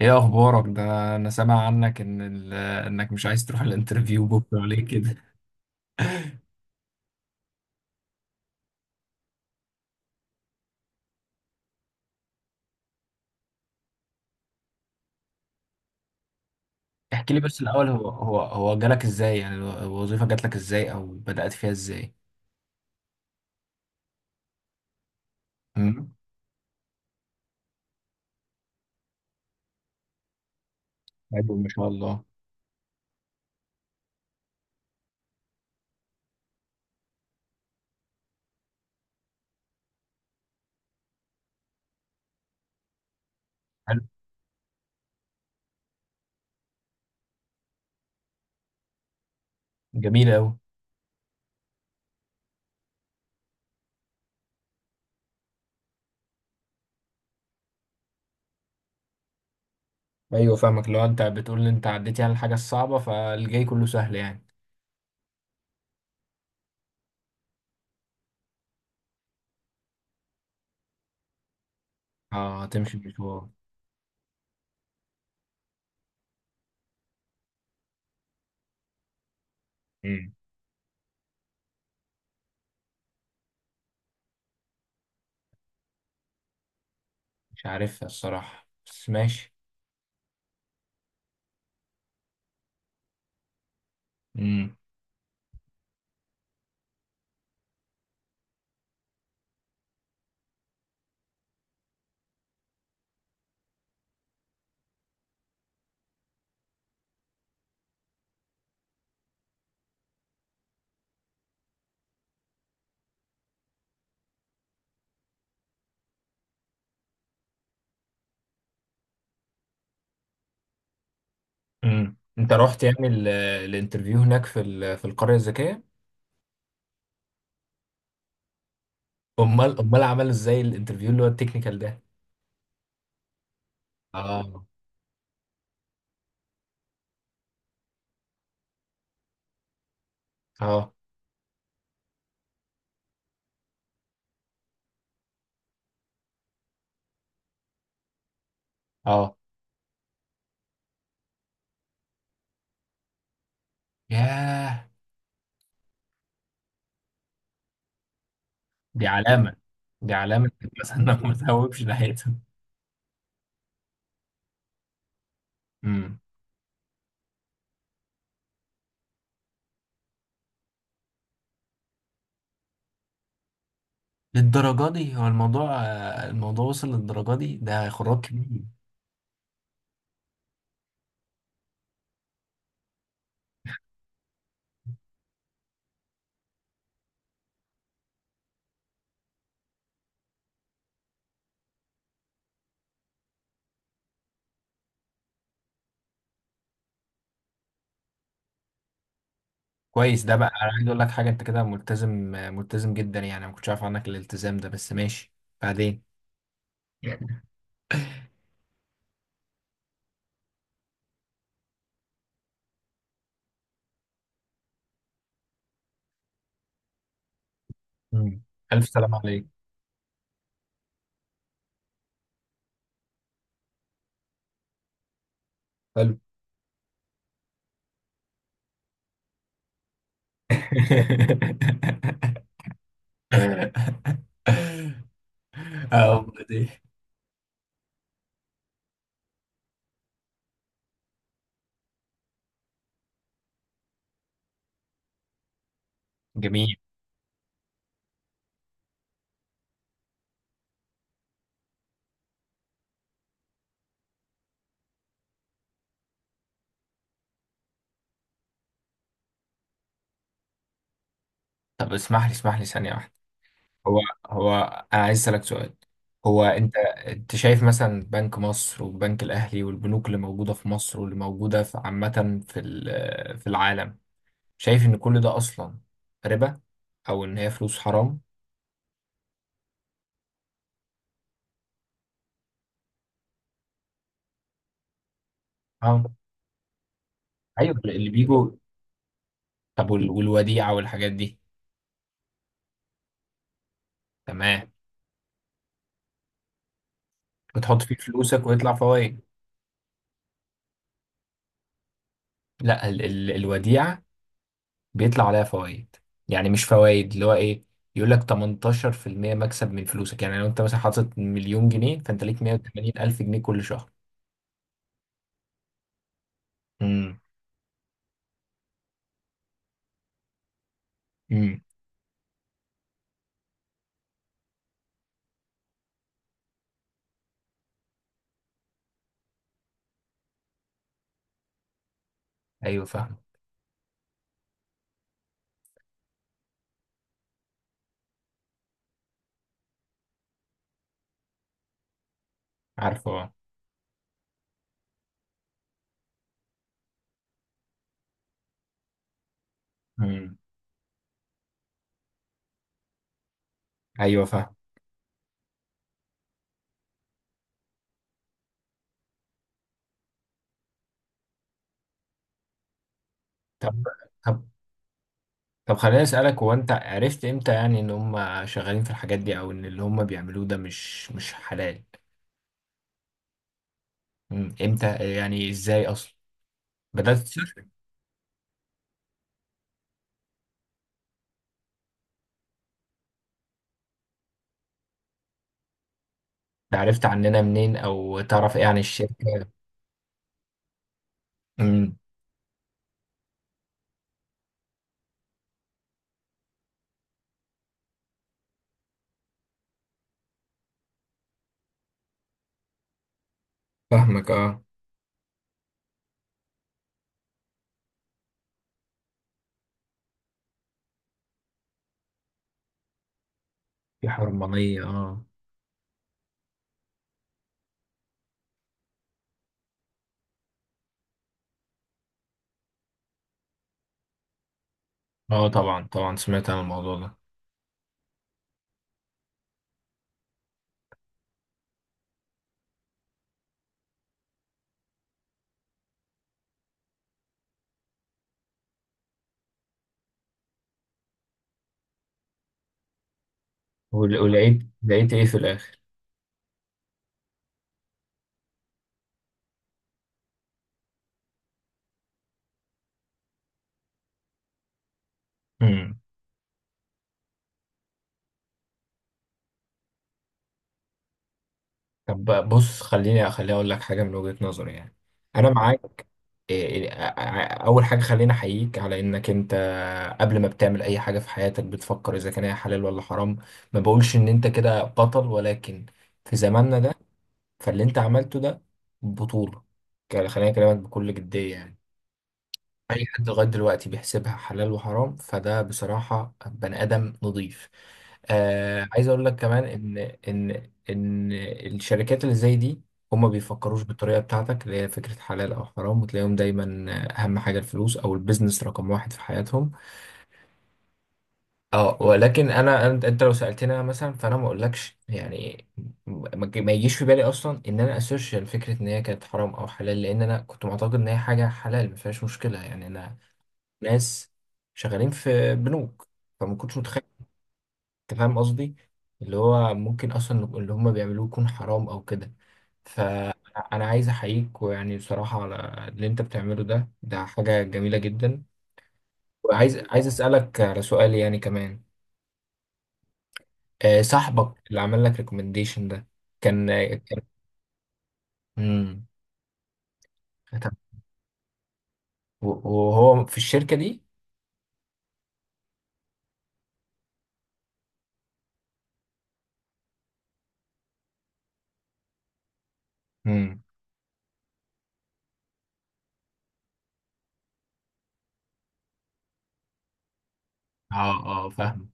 ايه اخبارك ده؟ انا سامع عنك ان انك مش عايز تروح الانترفيو بكره، ليه كده؟ احكي لي بس الاول، هو جالك ازاي يعني؟ الوظيفه جات لك ازاي او بدأت فيها ازاي؟ امم. حلو، ما شاء الله. حلو. جميل قوي. ايوه فاهمك، لو انت بتقول ان انت عديتي على الحاجه الصعبه فالجاي كله سهل يعني. اه تمشي بشوار. امم. مش عارفها الصراحه، بس ماشي. امم. امم، انت رحت يعني الانترفيو هناك في في القريه الذكيه؟ امال عملوا ازاي الانترفيو اللي هو التكنيكال ده؟ اه. اه. اه. ياه. دي علامة، دي علامة مثلا انه ما تهوبش ناحيتهم. امم. للدرجة دي هو الموضوع؟ الموضوع وصل للدرجة دي، ده خراج كبير. كويس، ده بقى انا عايز اقول لك حاجة، انت كده ملتزم، ملتزم جدا يعني. أنا ما كنتش عارف عنك الالتزام ده، بس ماشي. بعدين. امم. الف سلام عليك. حلو. اه والله دي. جميل. طب اسمح لي، اسمح لي ثانية واحدة. هو هو أنا عايز أسألك سؤال. هو أنت شايف مثلا بنك مصر والبنك الأهلي والبنوك اللي موجودة في مصر واللي موجودة في عامة في في العالم، شايف إن كل ده أصلا ربا، أو إن هي فلوس حرام؟ اه. أيوه اللي بيجوا. طب والوديعة والحاجات دي؟ تمام. بتحط فيه فلوسك ويطلع فوايد. لا ال ال الوديعة بيطلع عليها فوائد، يعني مش فوائد اللي هو ايه، يقول لك 18% مكسب من فلوسك. يعني لو انت مثلا حاطط مليون جنيه فانت ليك 180 الف جنيه كل شهر. امم. امم. ايوه فاهم. عارفه اه. امم. ايوه فاهم. طب طب طب خليني اسالك، هو انت عرفت امتى يعني ان هم شغالين في الحاجات دي، او ان اللي هم بيعملوه ده مش حلال؟ امم. امتى يعني؟ ازاي اصلا بدات تسيرش؟ ده عرفت عننا منين، او تعرف ايه عن الشركه؟ امم. فاهمك اه. في حرمانيه اه. اه طبعا، طبعا سمعت عن الموضوع ده. ولقيت ايه في الاخر؟ امم. طب بقى بص، خليني اقول لك حاجه من وجهه نظري يعني، انا معاك. اول حاجه خليني احييك على انك انت قبل ما بتعمل اي حاجه في حياتك بتفكر اذا كان هي حلال ولا حرام. ما بقولش ان انت كده بطل، ولكن في زماننا ده فاللي انت عملته ده بطوله، يعني خليني اكلمك بكل جديه يعني. اي حد لغايه دلوقتي بيحسبها حلال وحرام فده بصراحه بني ادم نضيف. آه، عايز اقول لك كمان ان ان الشركات اللي زي دي هما بيفكروش بالطريقه بتاعتك اللي هي فكره حلال او حرام، وتلاقيهم دايما اهم حاجه الفلوس او البيزنس رقم واحد في حياتهم. اه ولكن انا، انت لو سالتني انا مثلا، فانا ما اقولكش يعني ما يجيش في بالي اصلا ان انا اسيرش فكره ان هي كانت حرام او حلال، لان انا كنت معتقد ان هي حاجه حلال ما فيهاش مشكله. يعني انا ناس شغالين في بنوك، فما كنتش متخيل، انت فاهم قصدي، اللي هو ممكن اصلا اللي هم بيعملوه يكون حرام او كده. فانا عايز احييك، ويعني بصراحة على اللي انت بتعمله ده، ده حاجة جميلة جدا. وعايز اسألك على سؤال يعني كمان. صاحبك اللي عمل لك ريكومنديشن ده كان، كان مم. طب وهو في الشركة دي؟ امم. اه. اه فاهم.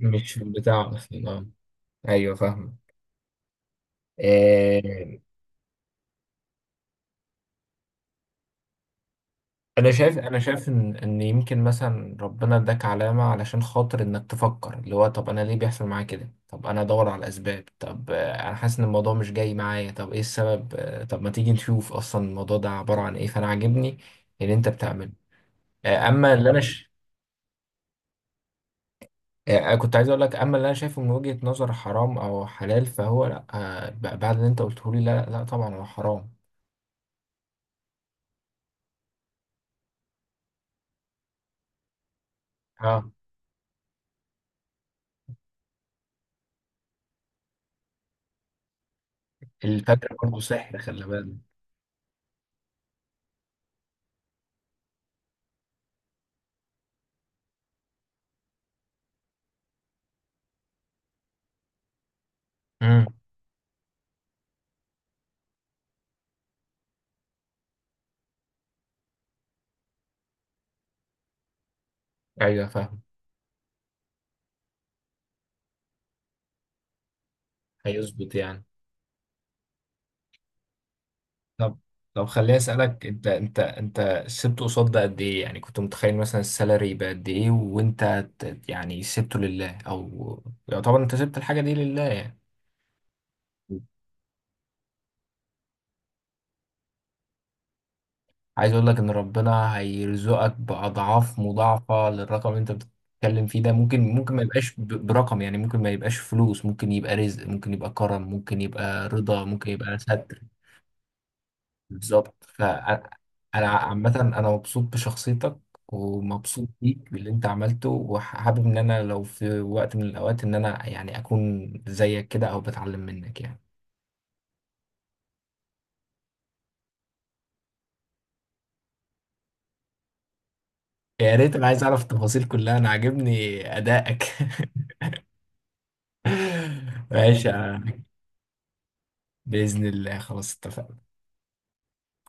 مش بتاع اصلا اه. ايوه فاهم. انا شايف ان يمكن مثلا ربنا اداك علامه علشان خاطر انك تفكر اللي هو، طب انا ليه بيحصل معايا كده؟ طب انا ادور على الاسباب. طب انا حاسس ان الموضوع مش جاي معايا، طب ايه السبب؟ طب ما تيجي نشوف اصلا الموضوع ده عباره عن ايه. فانا عاجبني اللي انت بتعمله. آه، اما اللي انا ش... كنت عايز اقول لك، اما اللي انا شايفه من وجهه نظر حرام او حلال فهو لا، بعد اللي انت قلته لي لا، لا طبعا هو حرام. اه. الفكره برضه سحر، خلي بالك. امم. ايوه فاهم. هيظبط يعني. طب، طب خليني اسالك، انت سبته قصاد ده قد ايه يعني؟ كنت متخيل مثلا السالري يبقى قد ايه، وانت يعني سبته لله، او يعتبر انت سبت الحاجه دي لله يعني؟ عايز اقول لك ان ربنا هيرزقك باضعاف مضاعفه للرقم اللي انت بتتكلم فيه ده. ممكن، ممكن ما يبقاش برقم يعني، ممكن ما يبقاش فلوس، ممكن يبقى رزق، ممكن يبقى كرم، ممكن يبقى رضا، ممكن يبقى ستر. بالظبط. فانا، عامه انا مبسوط بشخصيتك، ومبسوط بيك باللي انت عملته، وحابب ان انا لو في وقت من الاوقات ان انا يعني اكون زيك كده او بتعلم منك يعني. يا ريت، انا عايز اعرف التفاصيل كلها، انا عاجبني ادائك. ماشي يا عم. باذن الله، خلاص اتفقنا.